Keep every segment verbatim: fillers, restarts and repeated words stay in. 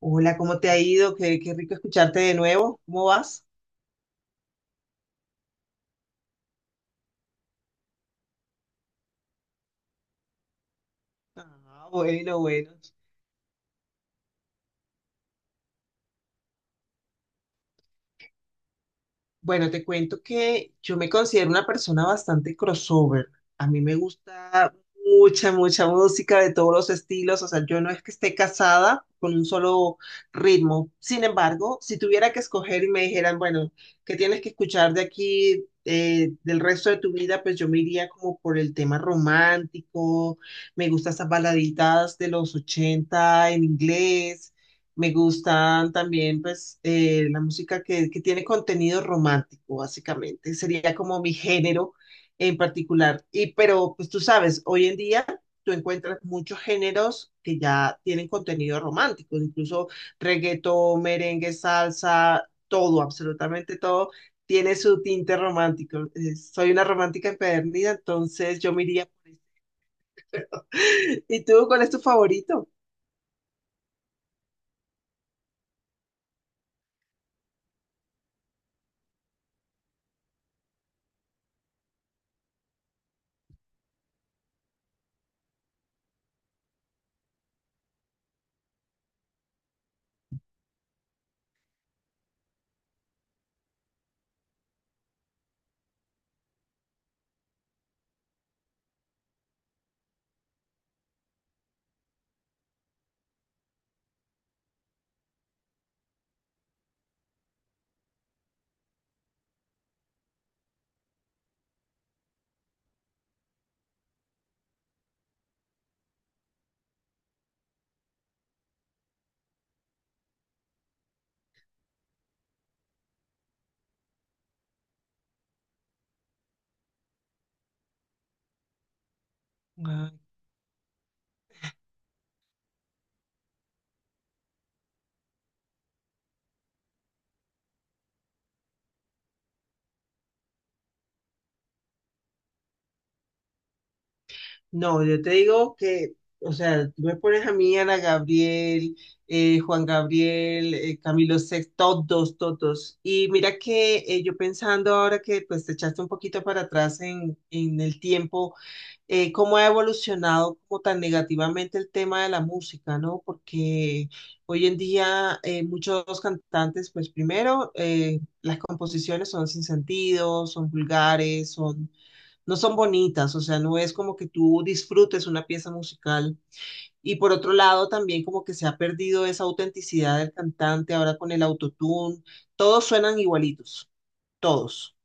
Hola, ¿cómo te ha ido? Qué, qué rico escucharte de nuevo. ¿Cómo vas? Ah, bueno, bueno. Bueno, te cuento que yo me considero una persona bastante crossover. A mí me gusta mucha, mucha música de todos los estilos. O sea, yo no es que esté casada con un solo ritmo. Sin embargo, si tuviera que escoger y me dijeran, bueno, ¿qué tienes que escuchar de aquí, eh, del resto de tu vida? Pues yo me iría como por el tema romántico. Me gustan esas baladitas de los ochenta en inglés. Me gustan también, pues, eh, la música que, que tiene contenido romántico, básicamente. Sería como mi género en particular. Y, pero, pues tú sabes, hoy en día tú encuentras muchos géneros que ya tienen contenido romántico, incluso reggaetón, merengue, salsa, todo, absolutamente todo tiene su tinte romántico. Eh, soy una romántica empedernida, entonces yo me iría por eso. ¿Y tú, cuál es tu favorito? No, yo te digo que, o sea, tú me pones a mí, Ana Gabriel, eh, Juan Gabriel, eh, Camilo Sex, todos, todos. Y mira que eh, yo pensando ahora que pues te echaste un poquito para atrás en, en el tiempo, eh, cómo ha evolucionado como tan negativamente el tema de la música, ¿no? Porque hoy en día eh, muchos cantantes, pues primero, eh, las composiciones son sin sentido, son vulgares, son no son bonitas, o sea, no es como que tú disfrutes una pieza musical. Y por otro lado, también como que se ha perdido esa autenticidad del cantante ahora con el autotune, todos suenan igualitos, todos.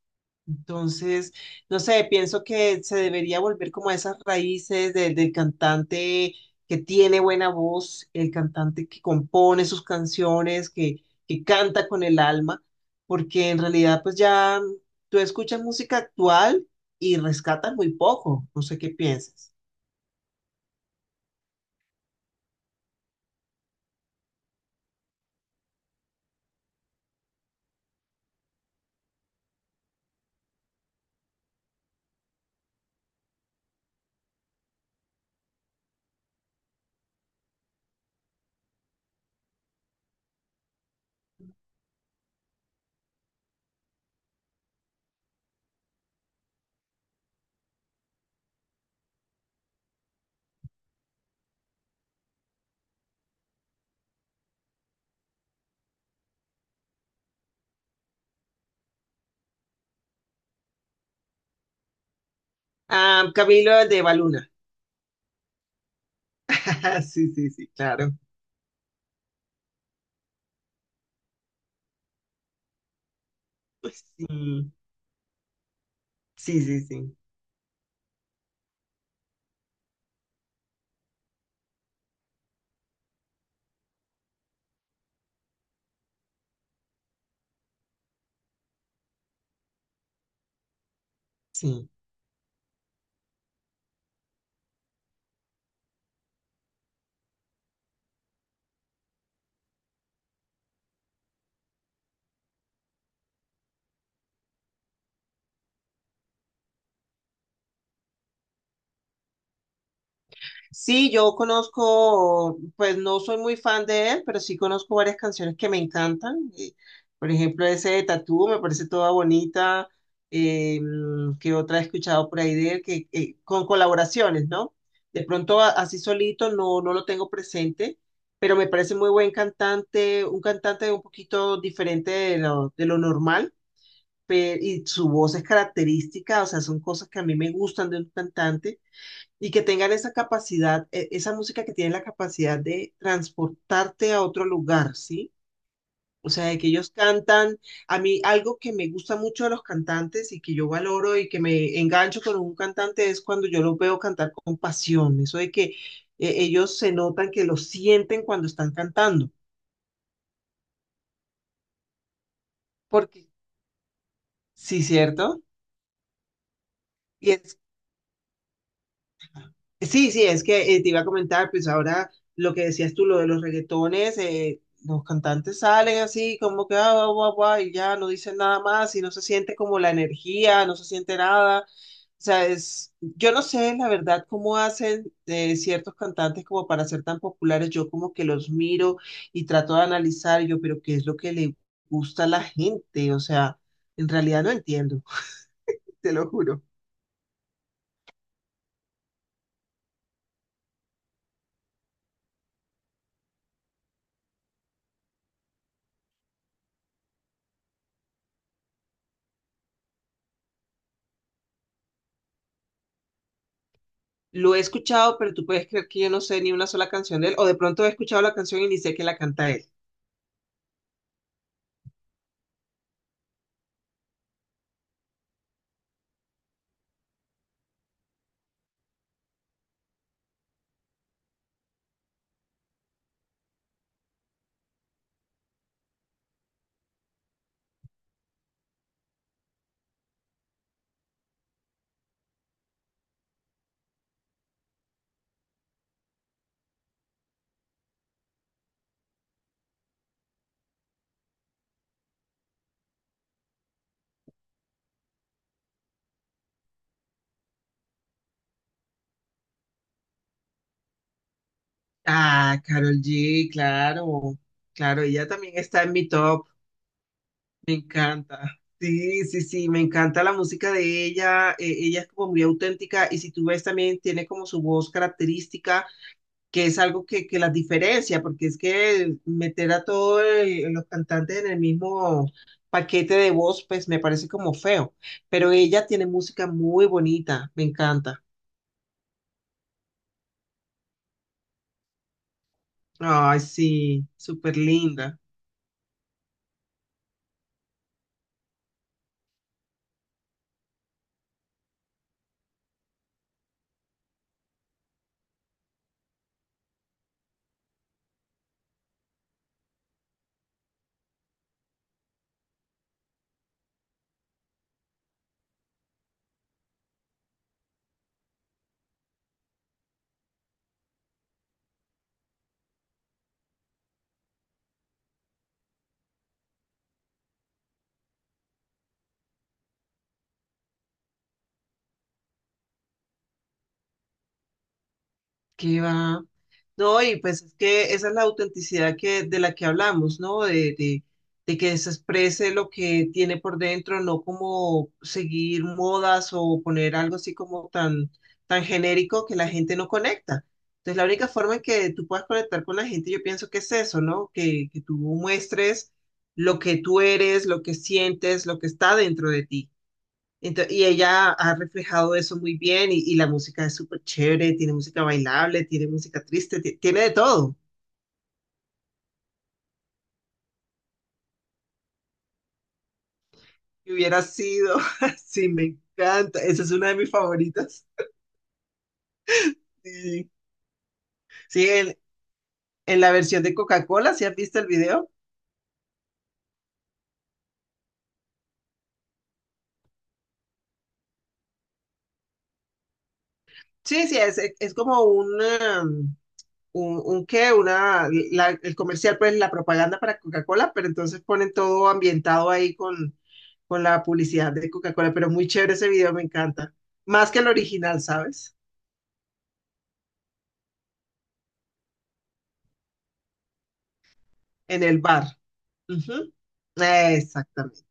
Entonces, no sé, pienso que se debería volver como a esas raíces del, del cantante que tiene buena voz, el cantante que compone sus canciones, que, que canta con el alma, porque en realidad pues ya tú escuchas música actual y rescatas muy poco, no sé qué piensas. Ah, Camilo el de Baluna. Sí, sí, sí, claro. Sí, sí, sí, sí, sí. Sí, yo conozco, pues no soy muy fan de él, pero sí conozco varias canciones que me encantan. Eh, Por ejemplo, ese de Tatú me parece toda bonita. Eh, mm, ¿qué otra he escuchado por ahí de él? Que, eh, con colaboraciones, ¿no? De pronto a- así solito no, no lo tengo presente, pero me parece muy buen cantante, un cantante un poquito diferente de lo, de lo normal, pe- y su voz es característica, o sea, son cosas que a mí me gustan de un cantante y que tengan esa capacidad, e- esa música que tiene la capacidad de transportarte a otro lugar, ¿sí? O sea, de que ellos cantan, a mí algo que me gusta mucho de los cantantes y que yo valoro y que me engancho con un cantante es cuando yo los veo cantar con pasión, eso de que eh, ellos se notan que lo sienten cuando están cantando, porque sí, ¿cierto? Y es Sí, sí, es que eh, te iba a comentar, pues ahora lo que decías tú, lo de los reggaetones, eh, los cantantes salen así como que ah, guau, guau, guau, y ya no dicen nada más y no se siente como la energía, no se siente nada. O sea, es, yo no sé la verdad cómo hacen eh, ciertos cantantes como para ser tan populares. Yo como que los miro y trato de analizar y yo, pero ¿qué es lo que le gusta a la gente? O sea, en realidad no entiendo, te lo juro. Lo he escuchado, pero tú puedes creer que yo no sé ni una sola canción de él, o de pronto he escuchado la canción y ni sé que la canta él. Ah, Carol G, claro, claro, ella también está en mi top, me encanta. Sí, sí, sí, me encanta la música de ella, eh, ella es como muy auténtica y si tú ves también tiene como su voz característica, que es algo que, que las diferencia, porque es que meter a todos los cantantes en el mismo paquete de voz, pues me parece como feo. Pero ella tiene música muy bonita, me encanta. Ay, sí, súper linda. Que va. No, y pues es que esa es la autenticidad que, de la que hablamos, ¿no? De, de, de que se exprese lo que tiene por dentro, no como seguir modas o poner algo así como tan, tan genérico que la gente no conecta. Entonces, la única forma en que tú puedas conectar con la gente, yo pienso que es eso, ¿no? Que, que tú muestres lo que tú eres, lo que sientes, lo que está dentro de ti. Ento- y ella ha reflejado eso muy bien y, y la música es súper chévere, tiene música bailable, tiene música triste, ti- tiene de todo. Y hubiera sido, sí, me encanta, esa es una de mis favoritas. Sí, sí, en, en la versión de Coca-Cola, ¿sí has visto el video? Sí, sí, es, es como un, um, un, un qué, una, la- el comercial, pues la propaganda para Coca-Cola, pero entonces ponen todo ambientado ahí con, con la publicidad de Coca-Cola, pero muy chévere ese video, me encanta. Más que el original, ¿sabes? En el bar. Ujú. Exactamente.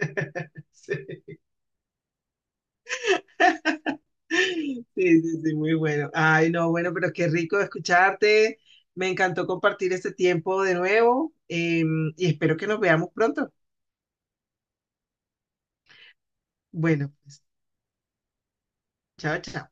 Sí. Sí, sí, sí, muy bueno. Ay, no, bueno, pero qué rico escucharte. Me encantó compartir este tiempo de nuevo, em, y espero que nos veamos pronto. Bueno, pues, chao, chao.